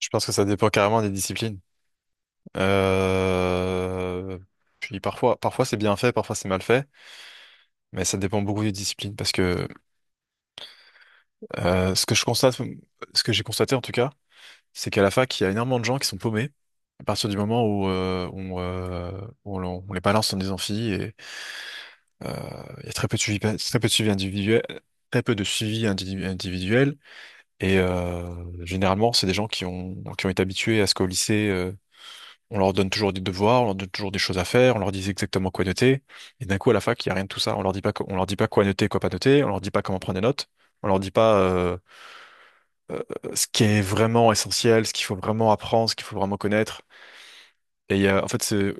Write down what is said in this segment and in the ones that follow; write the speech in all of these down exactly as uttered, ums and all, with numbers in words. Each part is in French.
Je pense que ça dépend carrément des disciplines. Euh, Puis parfois, parfois c'est bien fait, parfois c'est mal fait, mais ça dépend beaucoup des disciplines parce que euh, ce que je constate, ce que j'ai constaté en tout cas, c'est qu'à la fac, il y a énormément de gens qui sont paumés à partir du moment où euh, on, euh, où on- l'en- on les balance dans des amphis et euh, il y a très peu de suivi, très peu de suivi individuel, très peu de suivi individu- individuel et euh, généralement c'est des gens qui ont qui ont été habitués à ce qu'au lycée euh, On leur donne toujours des devoirs, on leur donne toujours des choses à faire, on leur dit exactement quoi noter. Et d'un coup, à la fac, il n'y a rien de tout ça. On leur dit pas, qu- on leur dit pas quoi noter, quoi pas noter. On leur dit pas comment prendre des notes. On leur dit pas euh, euh, ce qui est vraiment essentiel, ce qu'il faut vraiment apprendre, ce qu'il faut vraiment connaître. Et il y a- en fait, c'est,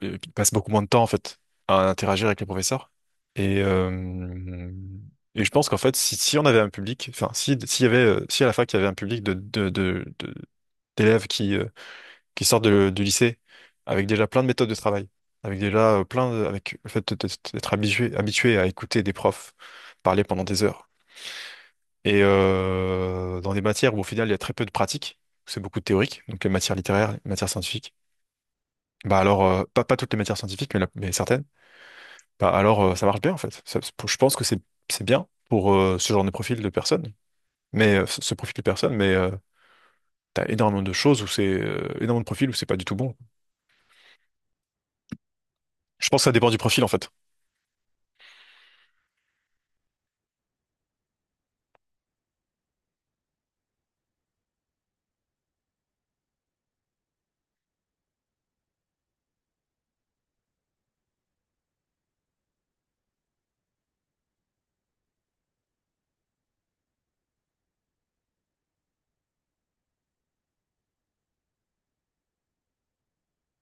ils passent beaucoup moins de temps en fait à interagir avec les professeurs. Et, euh, et je pense qu'en fait, si, si on avait un public, enfin, si, s'il y avait, euh, si à la fac il y avait un public de, de, de, de- d'élèves qui euh, qui sortent de- du lycée avec déjà plein de méthodes de travail, avec déjà euh, plein de, avec le fait de- de- d'être habitué, habitué à écouter des profs parler pendant des heures. Et euh, dans des matières où au final il y a très peu de pratique, c'est beaucoup de théorique, donc les matières littéraires, les matières scientifiques. Bah alors, euh, pas, pas toutes les matières scientifiques, mais, la- mais certaines. Bah alors, euh, ça marche bien en fait. Ça- je pense que c'est c'est bien pour euh, ce genre de profil de personnes, mais euh, ce ce profil de personnes, mais euh, t'as énormément de choses où c'est euh, énormément de profils où c'est pas du tout bon. Je pense que ça dépend du profil en fait.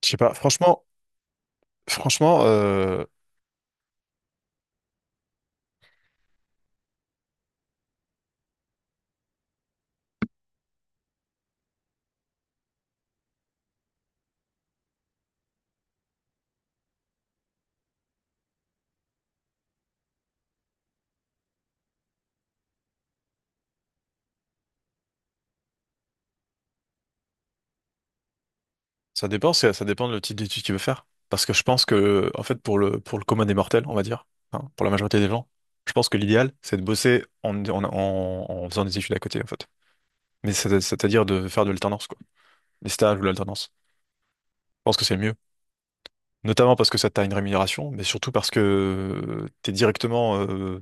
Je sais pas, franchement, franchement, euh, ça dépend, c'est- ça dépend de le type d'étude qu'il veut faire. Parce que je pense que, en fait, pour le, pour le commun des mortels, on va dire, hein, pour la majorité des gens, je pense que l'idéal, c'est de bosser en, en, en, en faisant des études à côté, en fait. Mais c'est- c'est-à-dire de faire de l'alternance, quoi. Des stages ou de l'alternance. Je pense que c'est mieux. Notamment parce que ça t'a une rémunération, mais surtout parce que t'es directement, euh,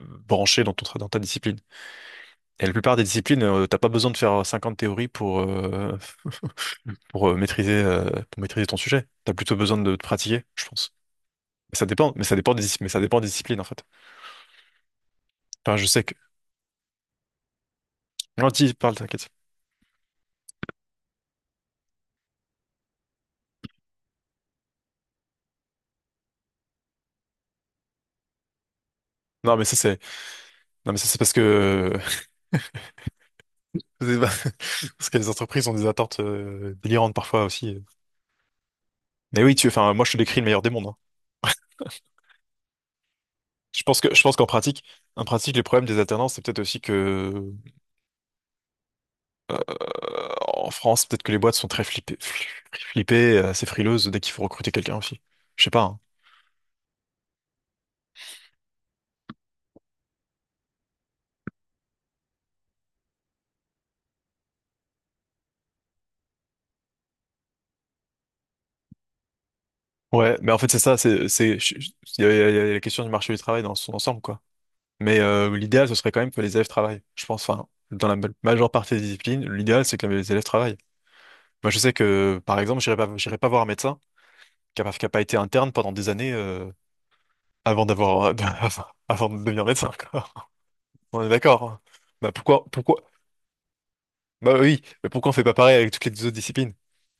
branché dans ton, tra- dans ta discipline. Et la plupart des disciplines, euh, t'as pas besoin de faire cinquante théories pour, euh, pour euh, maîtriser, euh, pour maîtriser ton sujet. T'as plutôt besoin de te pratiquer, je pense. Mais ça dépend, mais ça dépend des, dis- mais ça dépend des disciplines, en fait. Enfin, je sais que... Non, dis, parle, t'inquiète. Non, mais ça, c'est, non, mais ça, c'est parce que, c'est pas- parce que les entreprises ont des attentes, euh, délirantes parfois aussi. Mais oui, tu, enfin, moi, je te décris le meilleur des mondes, hein. Je pense que, je pense qu'en pratique, en pratique, les problèmes des alternances, c'est peut-être aussi que Euh, en France, peut-être que les boîtes sont très flippées, fli- flippées, euh, assez frileuses dès qu'il faut recruter quelqu'un aussi. Je sais pas, hein. Ouais, mais en fait, c'est ça, c'est, c'est, je- je- il y a, il y a- il y a la question du marché du travail dans son ensemble, quoi. Mais euh, l'idéal, ce serait quand même que les élèves travaillent. Je pense, enfin, dans la ma- majeure partie des disciplines, l'idéal, c'est que les élèves travaillent. Moi, je sais que, par exemple, j'irai pas, j'irai pas voir un médecin qui a, pas qui a pas été interne pendant des années euh, avant d'avoir, avant de devenir médecin, quoi. On est d'accord, hein. Bah pourquoi, pourquoi, bah oui, mais pourquoi on fait pas pareil avec toutes les autres disciplines?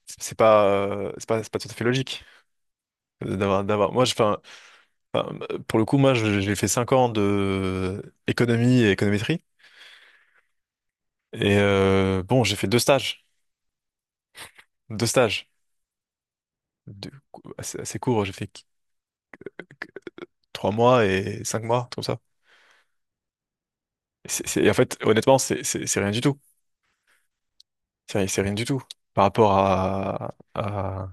C'est c'est pas, euh, c'est pas, c'est pas tout à fait logique euh, d'avoir, d'avoir. Moi, je, enfin, enfin, pour le coup, moi, je- j'ai fait cinq ans de économie et économétrie. Et euh, bon, j'ai fait deux stages, deux stages de- assez, assez courts. J'ai fait qu- qu- trois mois et cinq mois, comme ça. Et c'est, c'est- et en fait, honnêtement, c'est c'est- c'est rien du tout. C'est c'est rien du tout par rapport à, à,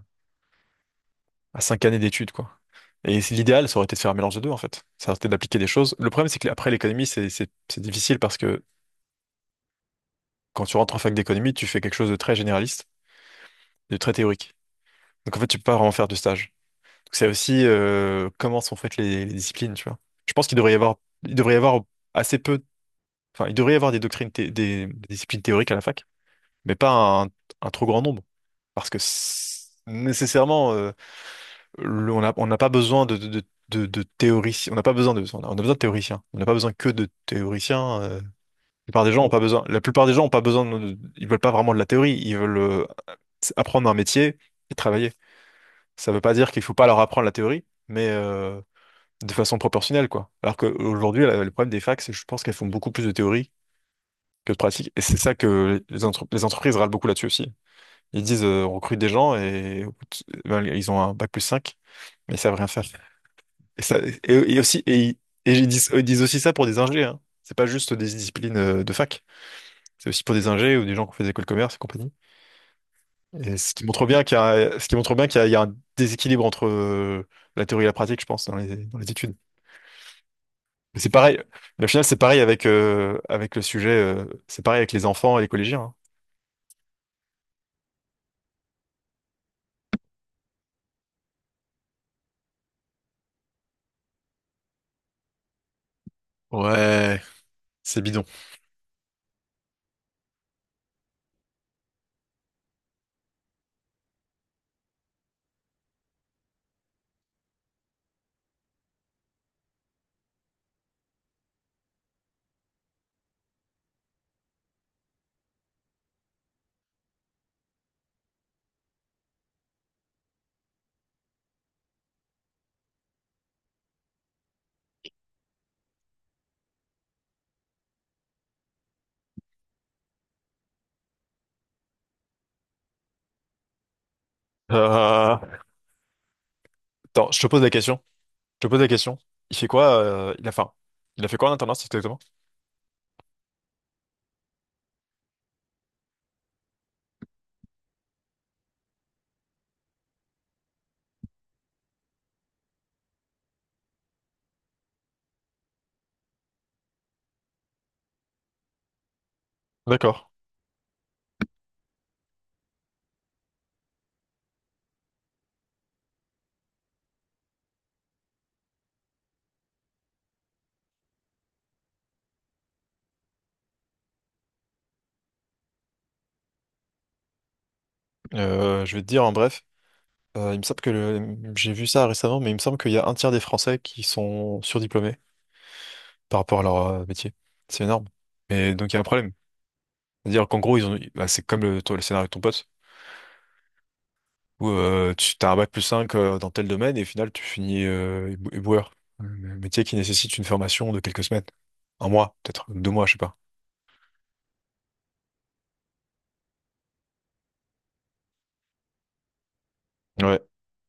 à cinq années d'études, quoi. Et c'est- l'idéal, ça aurait été de faire un mélange des deux, en fait. Ça aurait été d'appliquer des choses. Le problème, c'est que après l'économie, c'est c'est- c'est difficile parce que quand tu rentres en fac d'économie, tu fais quelque chose de très généraliste, de très théorique. Donc en fait, tu peux pas vraiment faire de stage. Donc, c'est aussi euh, comment sont faites les, les disciplines, tu vois. Je pense qu'il devrait y avoir, il devrait y avoir assez peu, enfin, il devrait y avoir des doctrines, thé- des, des disciplines théoriques à la fac, mais pas un, un trop grand nombre. Parce que c'est- nécessairement, euh, le- on a- on n'a pas besoin de, de, de, de- de théoriciens. On n'a pas besoin de, on a, on a besoin de théoriciens. On n'a pas besoin que de théoriciens. euh. La plupart des gens ont pas besoin. La plupart des gens ont pas besoin. de- ils veulent pas vraiment de la théorie. Ils veulent euh, apprendre un métier et travailler. Ça veut pas dire qu'il faut pas leur apprendre la théorie, mais euh, de façon proportionnelle, quoi. Alors qu'aujourd'hui, le problème des facs, c'est que je pense qu'elles font beaucoup plus de théorie que de pratique. Et c'est ça que les, entre- les entreprises râlent beaucoup là-dessus aussi. Ils disent, euh, on recrute des gens et euh, ben, ils ont un bac plus cinq mais ils savent rien faire. Et, ça, et, et aussi, et, et ils disent, ils disent aussi ça pour des ingés, hein. C'est pas juste des disciplines euh, de fac. C'est aussi pour des ingés ou des gens qui ont fait des écoles de commerce et compagnie. Et ce qui montre bien qu'il y a, ce qui montre bien qu'il y a, il y a un déséquilibre entre euh, la théorie et la pratique, je pense, dans les, dans les études. Mais c'est pareil. Mais au final, c'est pareil avec, euh, avec le sujet. euh, c'est pareil avec les enfants et les collégiens, hein. Ouais, c'est bidon. Euh, Attends, je te pose la question. Je te pose la question. Il fait quoi, euh, il a, enfin, il a fait quoi en alternance exactement? D'accord. Euh, je vais te dire en bref. Euh, il me semble que le- j'ai vu ça récemment, mais il me semble qu'il y a un tiers des Français qui sont surdiplômés par rapport à leur euh, métier. C'est énorme. Et donc il y a un problème. C'est-à-dire qu'en gros, ils ont... bah, c'est comme le, toi, le scénario de ton pote, où euh, tu as un bac plus cinq euh, dans tel domaine et au final tu finis euh, ébou- éboueur. Un métier qui nécessite une formation de quelques semaines. Un mois, peut-être deux mois, je sais pas. Ouais,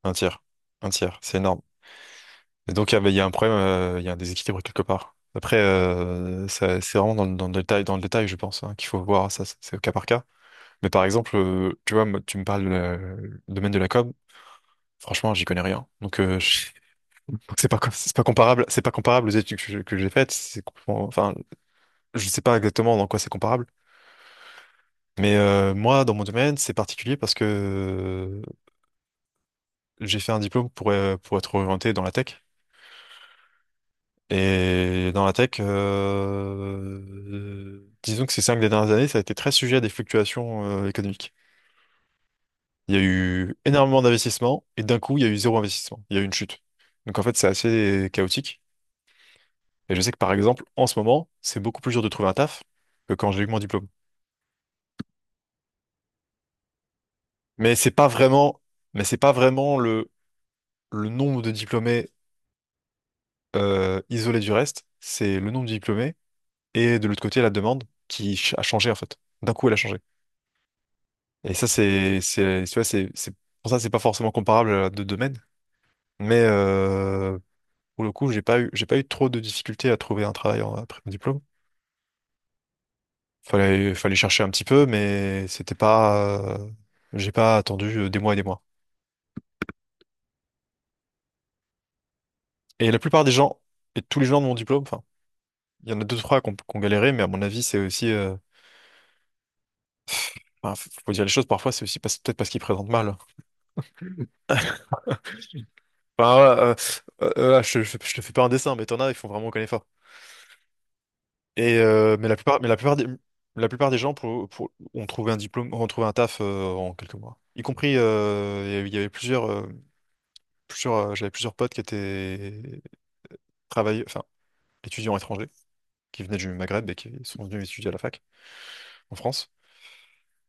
un tiers. Un tiers, c'est énorme. Et donc, il y a, il y a un problème, euh, il y a un déséquilibre quelque part. Après, euh, ça- c'est vraiment dans, le dans le détail, dans le détail, je pense, hein, qu'il faut voir ça, c'est c'est au cas par cas. Mais par exemple, euh, tu vois, moi, tu me parles du domaine de la com, franchement, j'y connais rien. Donc, euh, je- donc c'est pas, com- c'est pas comparable, c'est pas comparable aux études que je- que j'ai faites. C'est complètement- enfin, je sais pas exactement dans quoi c'est comparable. Mais euh, moi, dans mon domaine, c'est particulier parce que euh, j'ai fait un diplôme pour, euh, pour être orienté dans la tech. Et dans la tech, euh, disons que ces cinq dernières années, ça a été très sujet à des fluctuations euh, économiques. Il y a eu énormément d'investissements et d'un coup, il y a eu zéro investissement. Il y a eu une chute. Donc en fait, c'est assez chaotique. Et je sais que par exemple, en ce moment, c'est beaucoup plus dur de trouver un taf que quand j'ai eu mon diplôme. Mais c'est pas vraiment, mais c'est pas vraiment le, le nombre de diplômés euh, isolé du reste, c'est le nombre de diplômés et de l'autre côté, la demande qui ch- a changé en fait. D'un coup, elle a changé. Et ça, c'est, c'est, tu vois, c'est, c'est, pour ça, c'est pas forcément comparable à deux domaines. Mais euh, pour le coup, j'ai pas eu, j'ai pas eu trop de difficultés à trouver un travail en- après mon diplôme. Fallait, fallait chercher un petit peu, mais c'était pas, euh, j'ai pas attendu euh, des mois et des mois. Et la plupart des gens, et tous les gens de mon diplôme, enfin, il y en a deux, trois qui ont, qui ont galéré, mais à mon avis, c'est aussi, euh, enfin, faut faut dire les choses, parfois, c'est aussi parce- peut-être parce qu'ils présentent mal. Enfin, voilà, euh, euh, euh, ah, je, je- je te fais pas un dessin, mais t'en as, ils font vraiment aucun effort. Et euh, mais la plupart, mais la plupart des, la plupart des gens pour, pour, ont trouvé un diplôme, ont trouvé un taf euh, en quelques mois. Y compris, euh, il y avait il y avait plusieurs, euh, plusieurs, euh, j'avais plusieurs potes qui étaient travailleurs, enfin étudiants étrangers, qui venaient du Maghreb et qui sont venus étudier à la fac en France.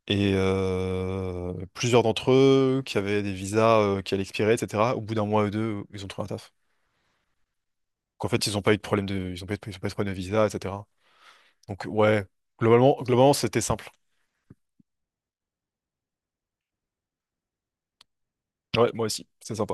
Et euh, plusieurs d'entre eux qui avaient des visas euh, qui allaient expirer, et cetera. Au bout d'un mois ou deux, ils ont trouvé un taf. Donc en fait, ils n'ont pas eu de problème de, ils ont pas eu de ils ont pas eu de problème de visa, et cetera. Donc ouais, globalement, globalement, c'était simple. Ouais, moi aussi, c'est sympa.